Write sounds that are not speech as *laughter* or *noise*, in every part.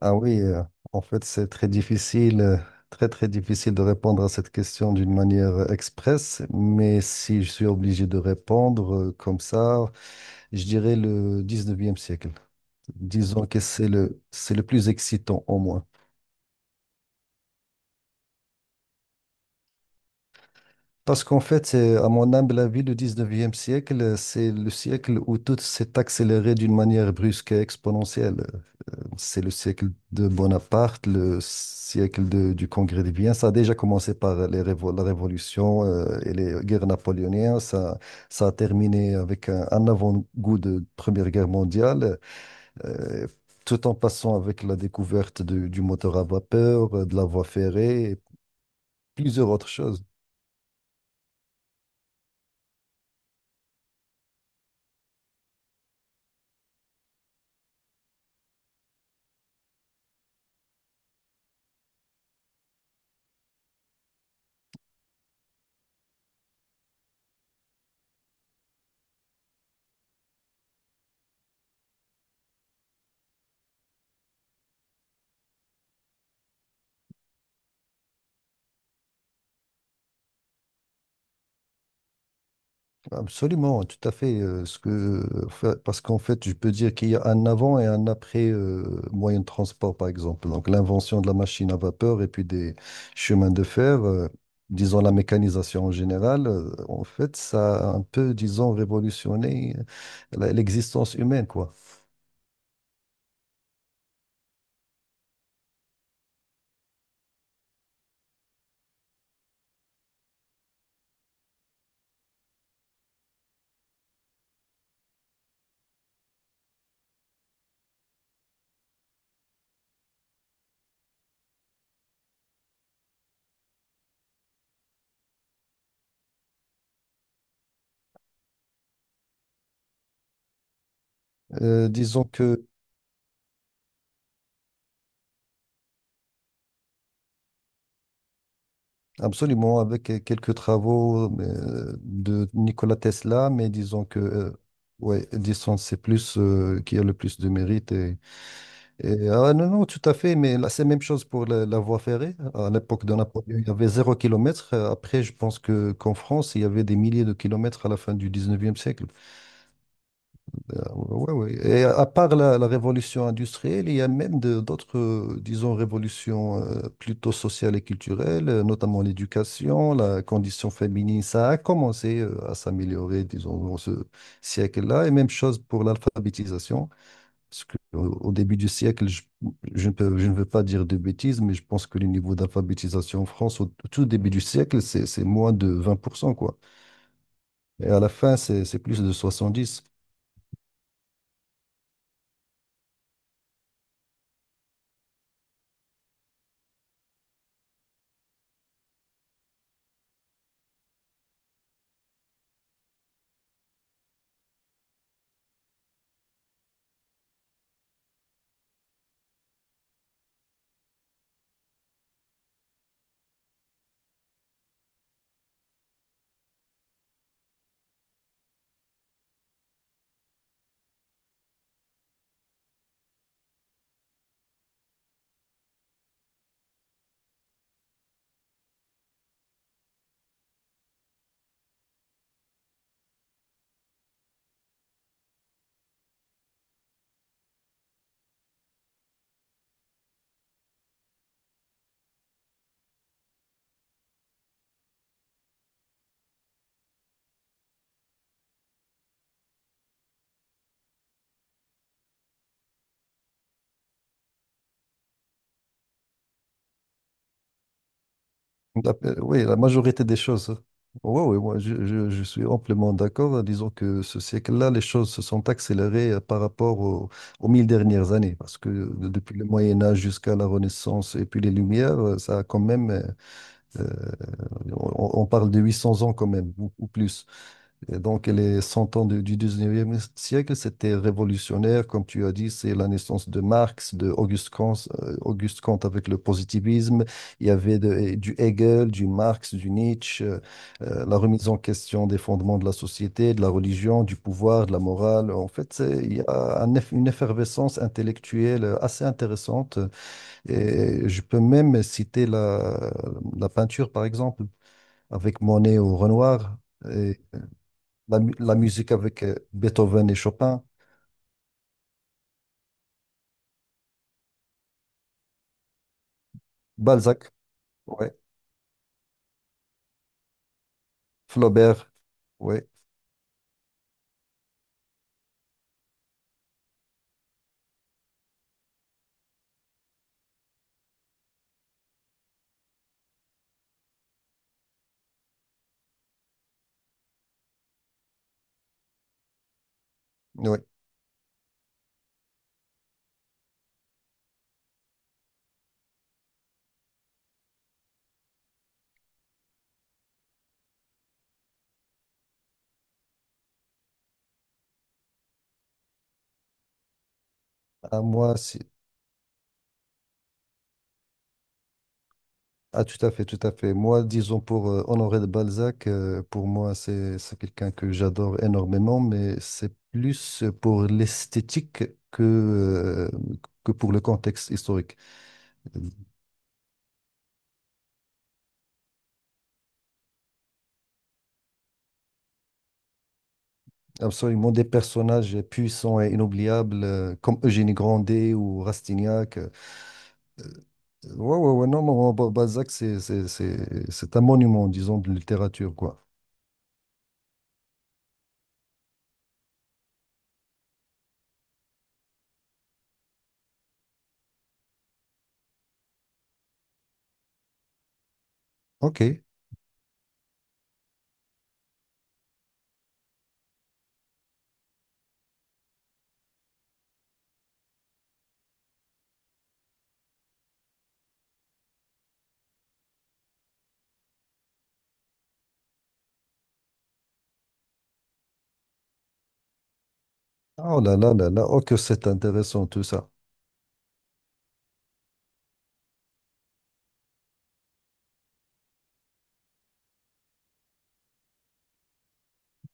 Ah oui, en fait, c'est très difficile, très très difficile de répondre à cette question d'une manière express, mais si je suis obligé de répondre comme ça, je dirais le 19e siècle. Disons que c'est le plus excitant au moins. Parce qu'en fait, c'est, à mon humble avis, le 19e siècle, c'est le siècle où tout s'est accéléré d'une manière brusque et exponentielle. C'est le siècle de Bonaparte, le siècle du Congrès des biens. Ça a déjà commencé par les la Révolution et les guerres napoléoniennes. Ça a terminé avec un avant-goût de Première Guerre mondiale, euh, tout en passant avec la découverte du moteur à vapeur, de la voie ferrée et plusieurs autres choses. Absolument, tout à fait. Parce qu'en fait, je peux dire qu'il y a un avant et un après moyen de transport, par exemple. Donc, l'invention de la machine à vapeur et puis des chemins de fer, disons la mécanisation en général, en fait, ça a un peu, disons, révolutionné l'existence humaine, quoi. Euh, disons que, absolument, avec quelques travaux de Nikola Tesla, mais disons que, ouais, disons, c'est plus qui a le plus de mérite. Et, ah, non, non, tout à fait, mais là, c'est la même chose pour la voie ferrée. À l'époque de Napoléon, il y avait 0 kilomètre. Après, je pense que qu'en France, il y avait des milliers de kilomètres à la fin du 19e siècle. Ouais, ouais. Et à part la révolution industrielle, il y a même d'autres, disons, révolutions plutôt sociales et culturelles, notamment l'éducation, la condition féminine. Ça a commencé à s'améliorer, disons, dans ce siècle-là. Et même chose pour l'alphabétisation. Parce qu'au début du siècle, je ne veux pas dire de bêtises, mais je pense que le niveau d'alphabétisation en France, au tout début du siècle, c'est moins de 20% quoi. Et à la fin, c'est plus de 70. Oui, la majorité des choses. Oui, oui, moi, je suis amplement d'accord. Disons que ce siècle-là, les choses se sont accélérées par rapport aux 1000 dernières années, parce que depuis le Moyen Âge jusqu'à la Renaissance et puis les Lumières, ça a quand même, euh, on parle de 800 ans quand même, ou plus. Et donc, les 100 ans du 19e siècle, c'était révolutionnaire. Comme tu as dit, c'est la naissance de Marx, de Auguste Kant avec le positivisme. Il y avait du Hegel, du Marx, du Nietzsche, la remise en question des fondements de la société, de la religion, du pouvoir, de la morale. En fait, il y a une effervescence intellectuelle assez intéressante. Et je peux même citer la peinture, par exemple, avec Monet ou Renoir. La musique avec Beethoven et Chopin, Balzac, ouais, Flaubert, ouais, ouais. À moi, si- Ah, tout à fait, tout à fait. Moi, disons pour Honoré de Balzac, pour moi, c'est quelqu'un que j'adore énormément, mais c'est plus pour l'esthétique que euh, que pour le contexte historique. Absolument, des personnages puissants et inoubliables comme Eugénie Grandet ou Rastignac. Ouais, ouais, ouais, non, non, oh, Balzac, c'est un monument, disons, de littérature, quoi. OK. Oh là là là là, oh que c'est intéressant tout ça.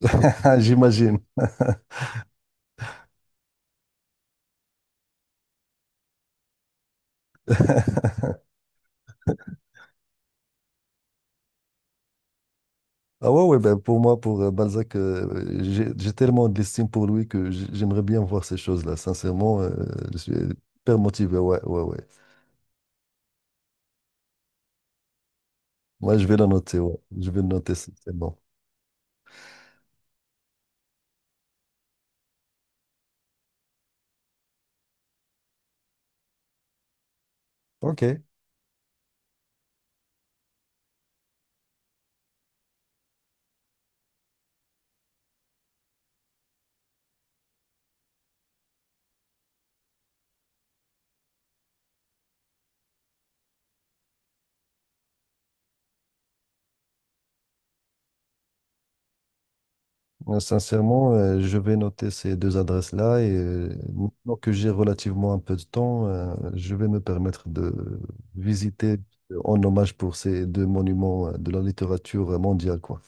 *laughs* J'imagine. *laughs* Ah ouais, ouais, ben pour moi, pour Balzac, j'ai tellement d'estime pour lui que j'aimerais bien voir ces choses-là. Sincèrement, je suis hyper motivé. Ouais, ouais, ouais. Moi, je vais le noter, ouais. Je vais le noter, c'est bon. OK. Sincèrement, je vais noter ces deux adresses-là et maintenant que j'ai relativement un peu de temps, je vais me permettre de visiter en hommage pour ces deux monuments de la littérature mondiale, quoi.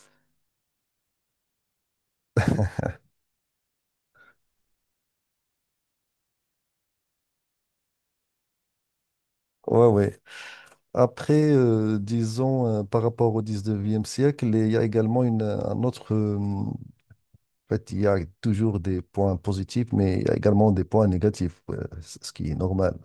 Ouais, ouais. Après, disons, par rapport au 19e siècle, il y a également une, un autre. En fait, il y a toujours des points positifs, mais il y a également des points négatifs, ouais, ce qui est normal.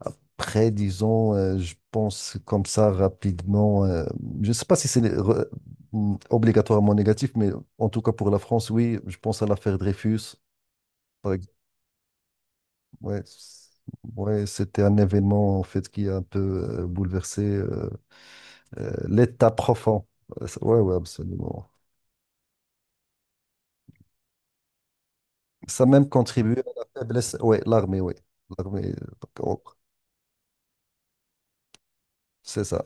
Après, disons, je pense comme ça rapidement. Je ne sais pas si c'est obligatoirement négatif, mais en tout cas pour la France, oui, je pense à l'affaire Dreyfus. Par ex- ouais, ouais, c'était un événement en fait qui a un peu bouleversé l'État profond. Ouais, ouais, absolument. Ça a même, ouais, contribué à la faiblesse. Ouais, l'armée, oui. L'armée, donc, oh, c'est ça.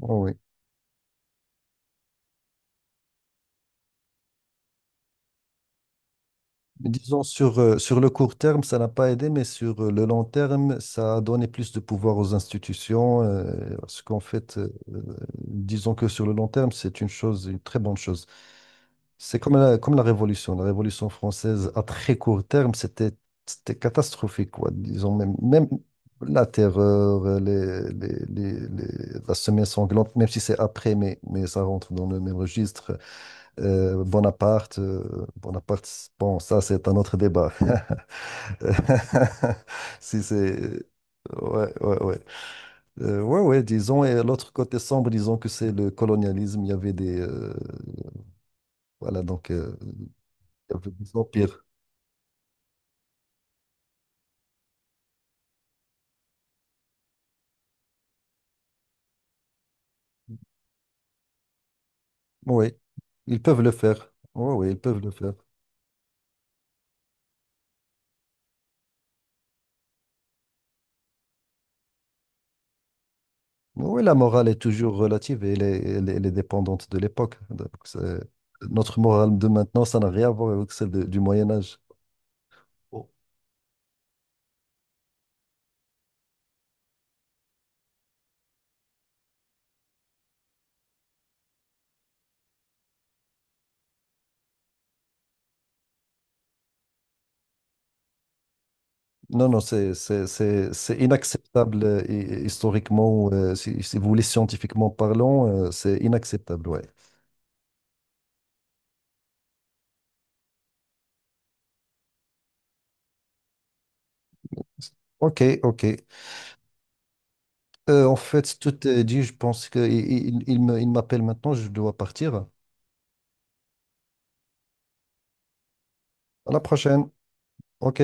Oui, disons, sur le court terme, ça n'a pas aidé, mais sur le long terme, ça a donné plus de pouvoir aux institutions, parce qu'en fait, disons que sur le long terme, c'est une chose, une très bonne chose. C'est comme la Révolution. La Révolution française, à très court terme, c'était catastrophique, quoi. Disons, même, même la terreur, la semaine sanglante, même si c'est après, mais ça rentre dans le même registre. Bonaparte, bon, ça c'est un autre débat. *laughs* Si c'est. Ouais, ouais, ouais. Ouais, ouais, disons, et l'autre côté sombre, disons que c'est le colonialisme. Il y avait des. Voilà, donc, il y avait des empires. Oui, ils peuvent le faire. Oui, oui, ils peuvent le faire. Oui, la morale est toujours relative et elle est dépendante de l'époque. Donc, notre morale de maintenant, ça n'a rien à voir avec celle du Moyen Âge. Non, non, c'est inacceptable historiquement, si vous voulez, scientifiquement parlant, c'est inacceptable, ouais. Ok, ok. En fait, tout est dit, je pense qu'il il me- il m'appelle maintenant, je dois partir. À la prochaine. Ok.